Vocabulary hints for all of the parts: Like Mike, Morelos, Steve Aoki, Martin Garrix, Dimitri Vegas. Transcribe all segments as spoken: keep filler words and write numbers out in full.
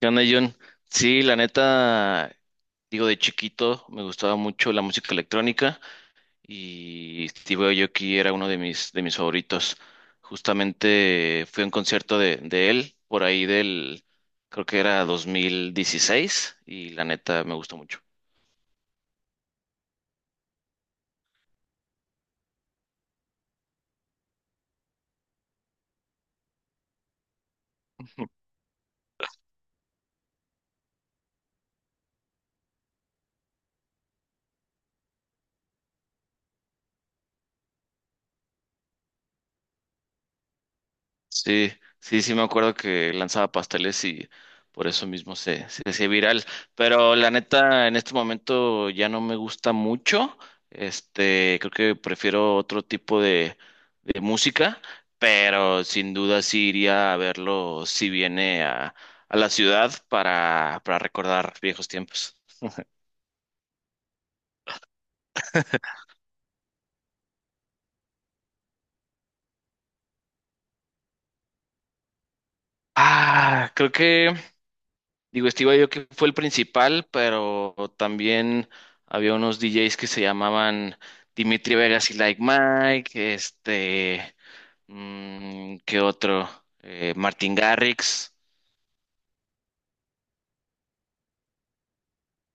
¿Qué onda, Jun? Sí, la neta, digo, de chiquito me gustaba mucho la música electrónica y Steve Aoki era uno de mis, de mis favoritos. Justamente fui a un concierto de, de él por ahí del, creo que era dos mil dieciséis y la neta me gustó mucho. Sí, sí, sí me acuerdo que lanzaba pasteles y por eso mismo se, se hacía viral. Pero la neta, en este momento ya no me gusta mucho. Este, creo que prefiero otro tipo de, de música, pero sin duda sí iría a verlo si viene a, a la ciudad para, para recordar viejos tiempos. Ah, creo que. Digo, Steve Aoki fue el principal, pero también había unos D Js que se llamaban Dimitri Vegas y Like Mike, este, mm, ¿qué otro? Eh, Martin Garrix.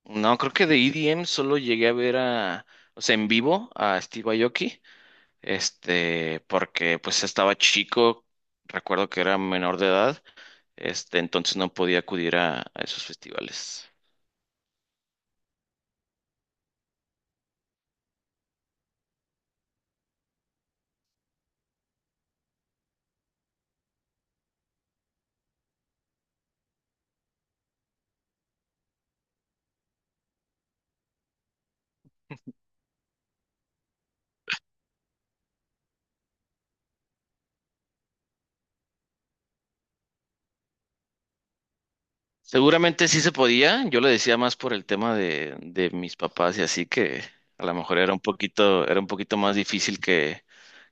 No, creo que de E D M solo llegué a ver a, o sea, en vivo a Steve Aoki, este, porque pues estaba chico, recuerdo que era menor de edad, este, entonces no podía acudir a a esos festivales. Seguramente sí se podía, yo lo decía más por el tema de, de mis papás y así que a lo mejor era un poquito, era un poquito más difícil que,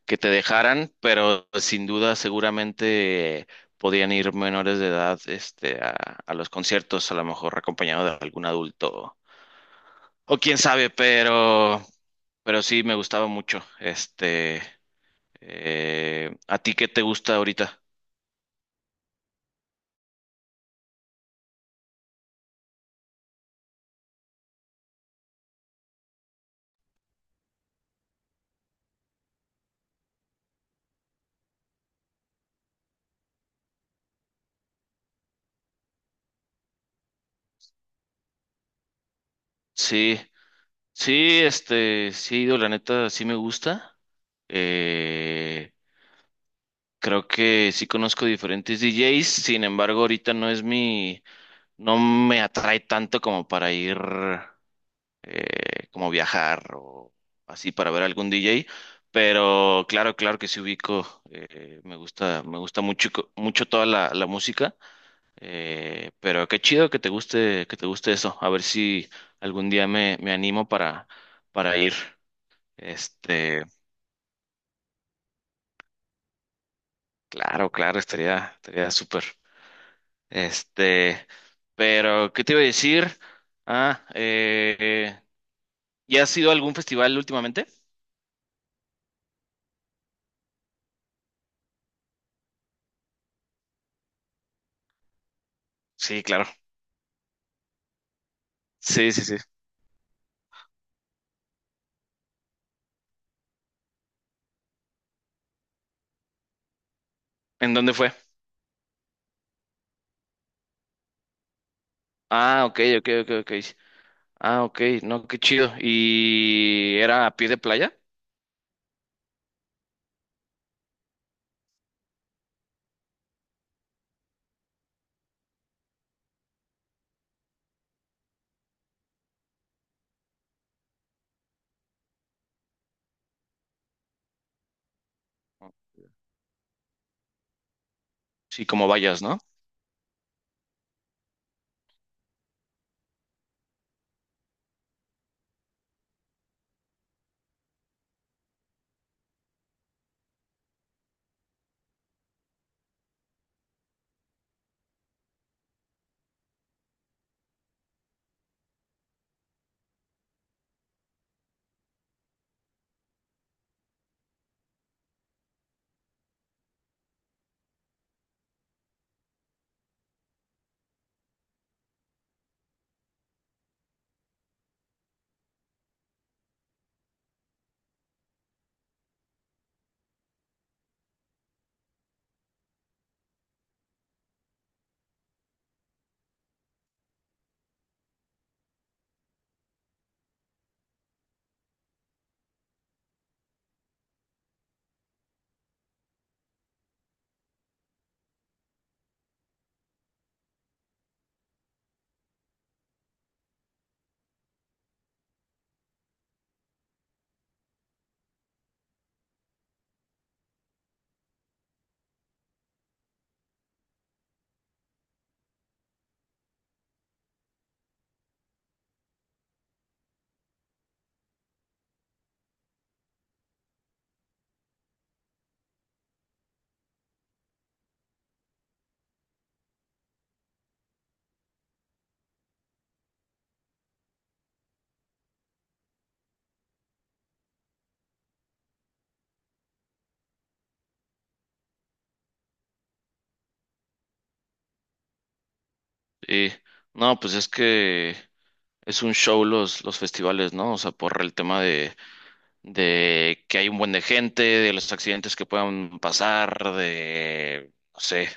que te dejaran, pero sin duda seguramente podían ir menores de edad este, a, a los conciertos, a lo mejor acompañado de algún adulto o quién sabe, pero, pero sí me gustaba mucho. Este, eh, ¿a ti qué te gusta ahorita? Sí. Sí, este, sí he ido, la neta, sí me gusta. Eh, Creo que sí conozco diferentes D Js, sin embargo, ahorita no es mi, no me atrae tanto como para ir, eh, como viajar o así para ver algún D J, pero claro, claro que sí ubico, eh, me gusta, me gusta mucho, co- mucho toda la, la música, eh, pero qué chido que te guste, que te guste eso, a ver si algún día me, me animo para, para ir. Este, claro, claro, estaría, estaría súper. Este, pero, ¿qué te iba a decir? Ah, eh, ¿ya has ido a algún festival últimamente? Sí, claro. Sí, sí, sí. ¿En dónde fue? Ah, ok, ok, ok, ok. Ah, ok, no, qué chido. ¿Y era a pie de playa? Sí, como vayas, ¿no? Sí. No, pues es que es un show los, los festivales, ¿no? O sea, por el tema de de que hay un buen de gente, de los accidentes que puedan pasar, de, no sé,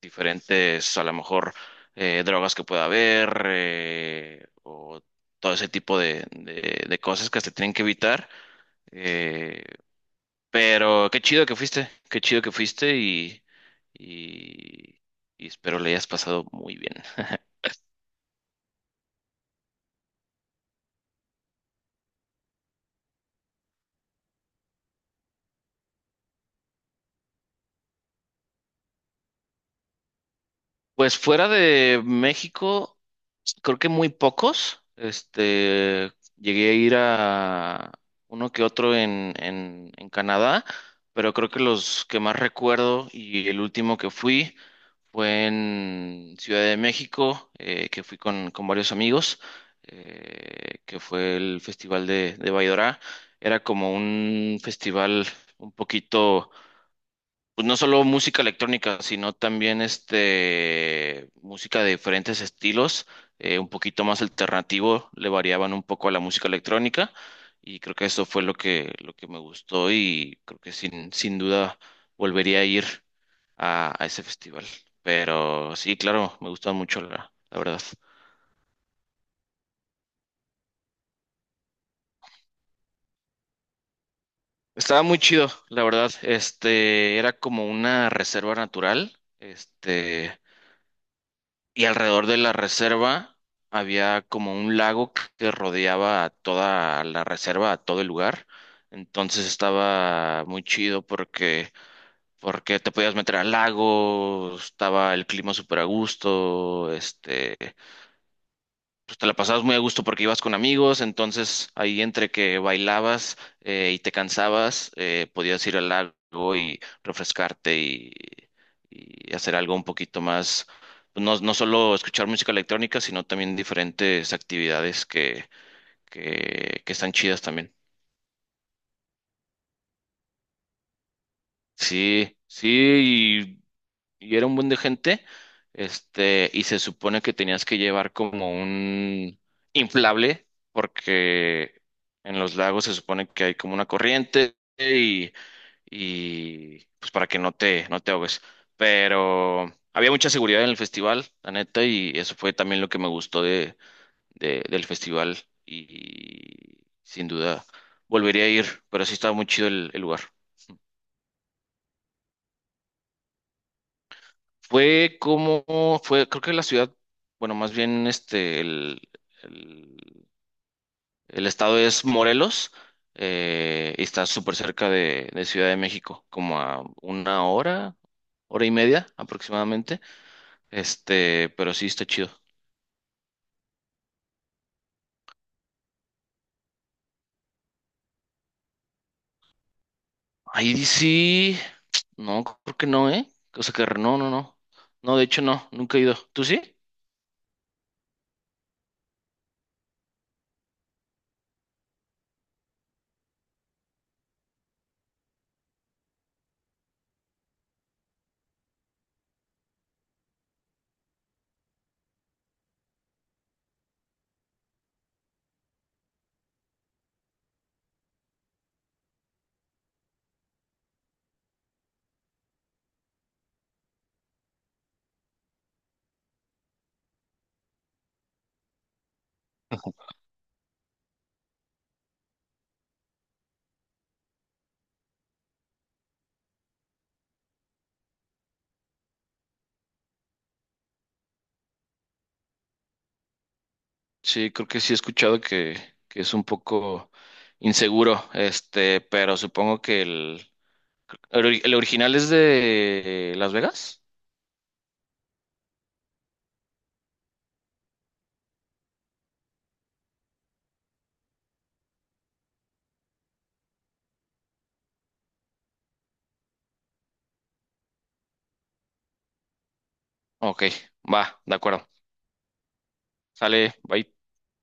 diferentes, a lo mejor, eh, drogas que pueda haber, eh, o todo ese tipo de, de, de cosas que se tienen que evitar. Eh, pero qué chido que fuiste, qué chido que fuiste y, y, y espero le hayas pasado muy bien. Pues fuera de México, creo que muy pocos. Este, llegué a ir a uno que otro en, en, en Canadá, pero creo que los que más recuerdo y el último que fui fue en Ciudad de México, eh, que fui con, con varios amigos, eh, que fue el Festival de, de Baidora. Era como un festival un poquito pues no solo música electrónica, sino también este música de diferentes estilos, eh, un poquito más alternativo, le variaban un poco a la música electrónica y creo que eso fue lo que lo que me gustó y creo que sin sin duda volvería a ir a, a ese festival. Pero sí, claro, me gustó mucho la, la verdad. Estaba muy chido, la verdad. Este era como una reserva natural. Este Y alrededor de la reserva había como un lago que rodeaba a toda la reserva, a todo el lugar. Entonces estaba muy chido porque, porque te podías meter al lago, estaba el clima súper a gusto, este, pues te la pasabas muy a gusto porque ibas con amigos, entonces ahí entre que bailabas eh, y te cansabas, eh, podías ir al lago y refrescarte y, y hacer algo un poquito más, pues, no, no solo escuchar música electrónica, sino también diferentes actividades que, que, que están chidas también. Sí, sí, y era un buen de gente, este, y se supone que tenías que llevar como un inflable, porque en los lagos se supone que hay como una corriente y, y pues para que no te, no te ahogues. Pero había mucha seguridad en el festival, la neta, y eso fue también lo que me gustó de, de- del festival y sin duda volvería a ir, pero sí estaba muy chido el el lugar. Fue como, fue, creo que la ciudad, bueno, más bien este, el, el, el estado es Morelos, eh, y está súper cerca de, de Ciudad de México, como a una hora, hora y media aproximadamente, este, pero sí está chido. Ahí sí, no, creo que no, ¿eh? O sea que re- no, no, no. No, de hecho no, nunca he ido. ¿Tú sí? Sí, creo que sí he escuchado que, que es un poco inseguro, este, pero supongo que el, ¿El, ori- el original es de Las Vegas? Ok, va, de acuerdo. Sale, bye.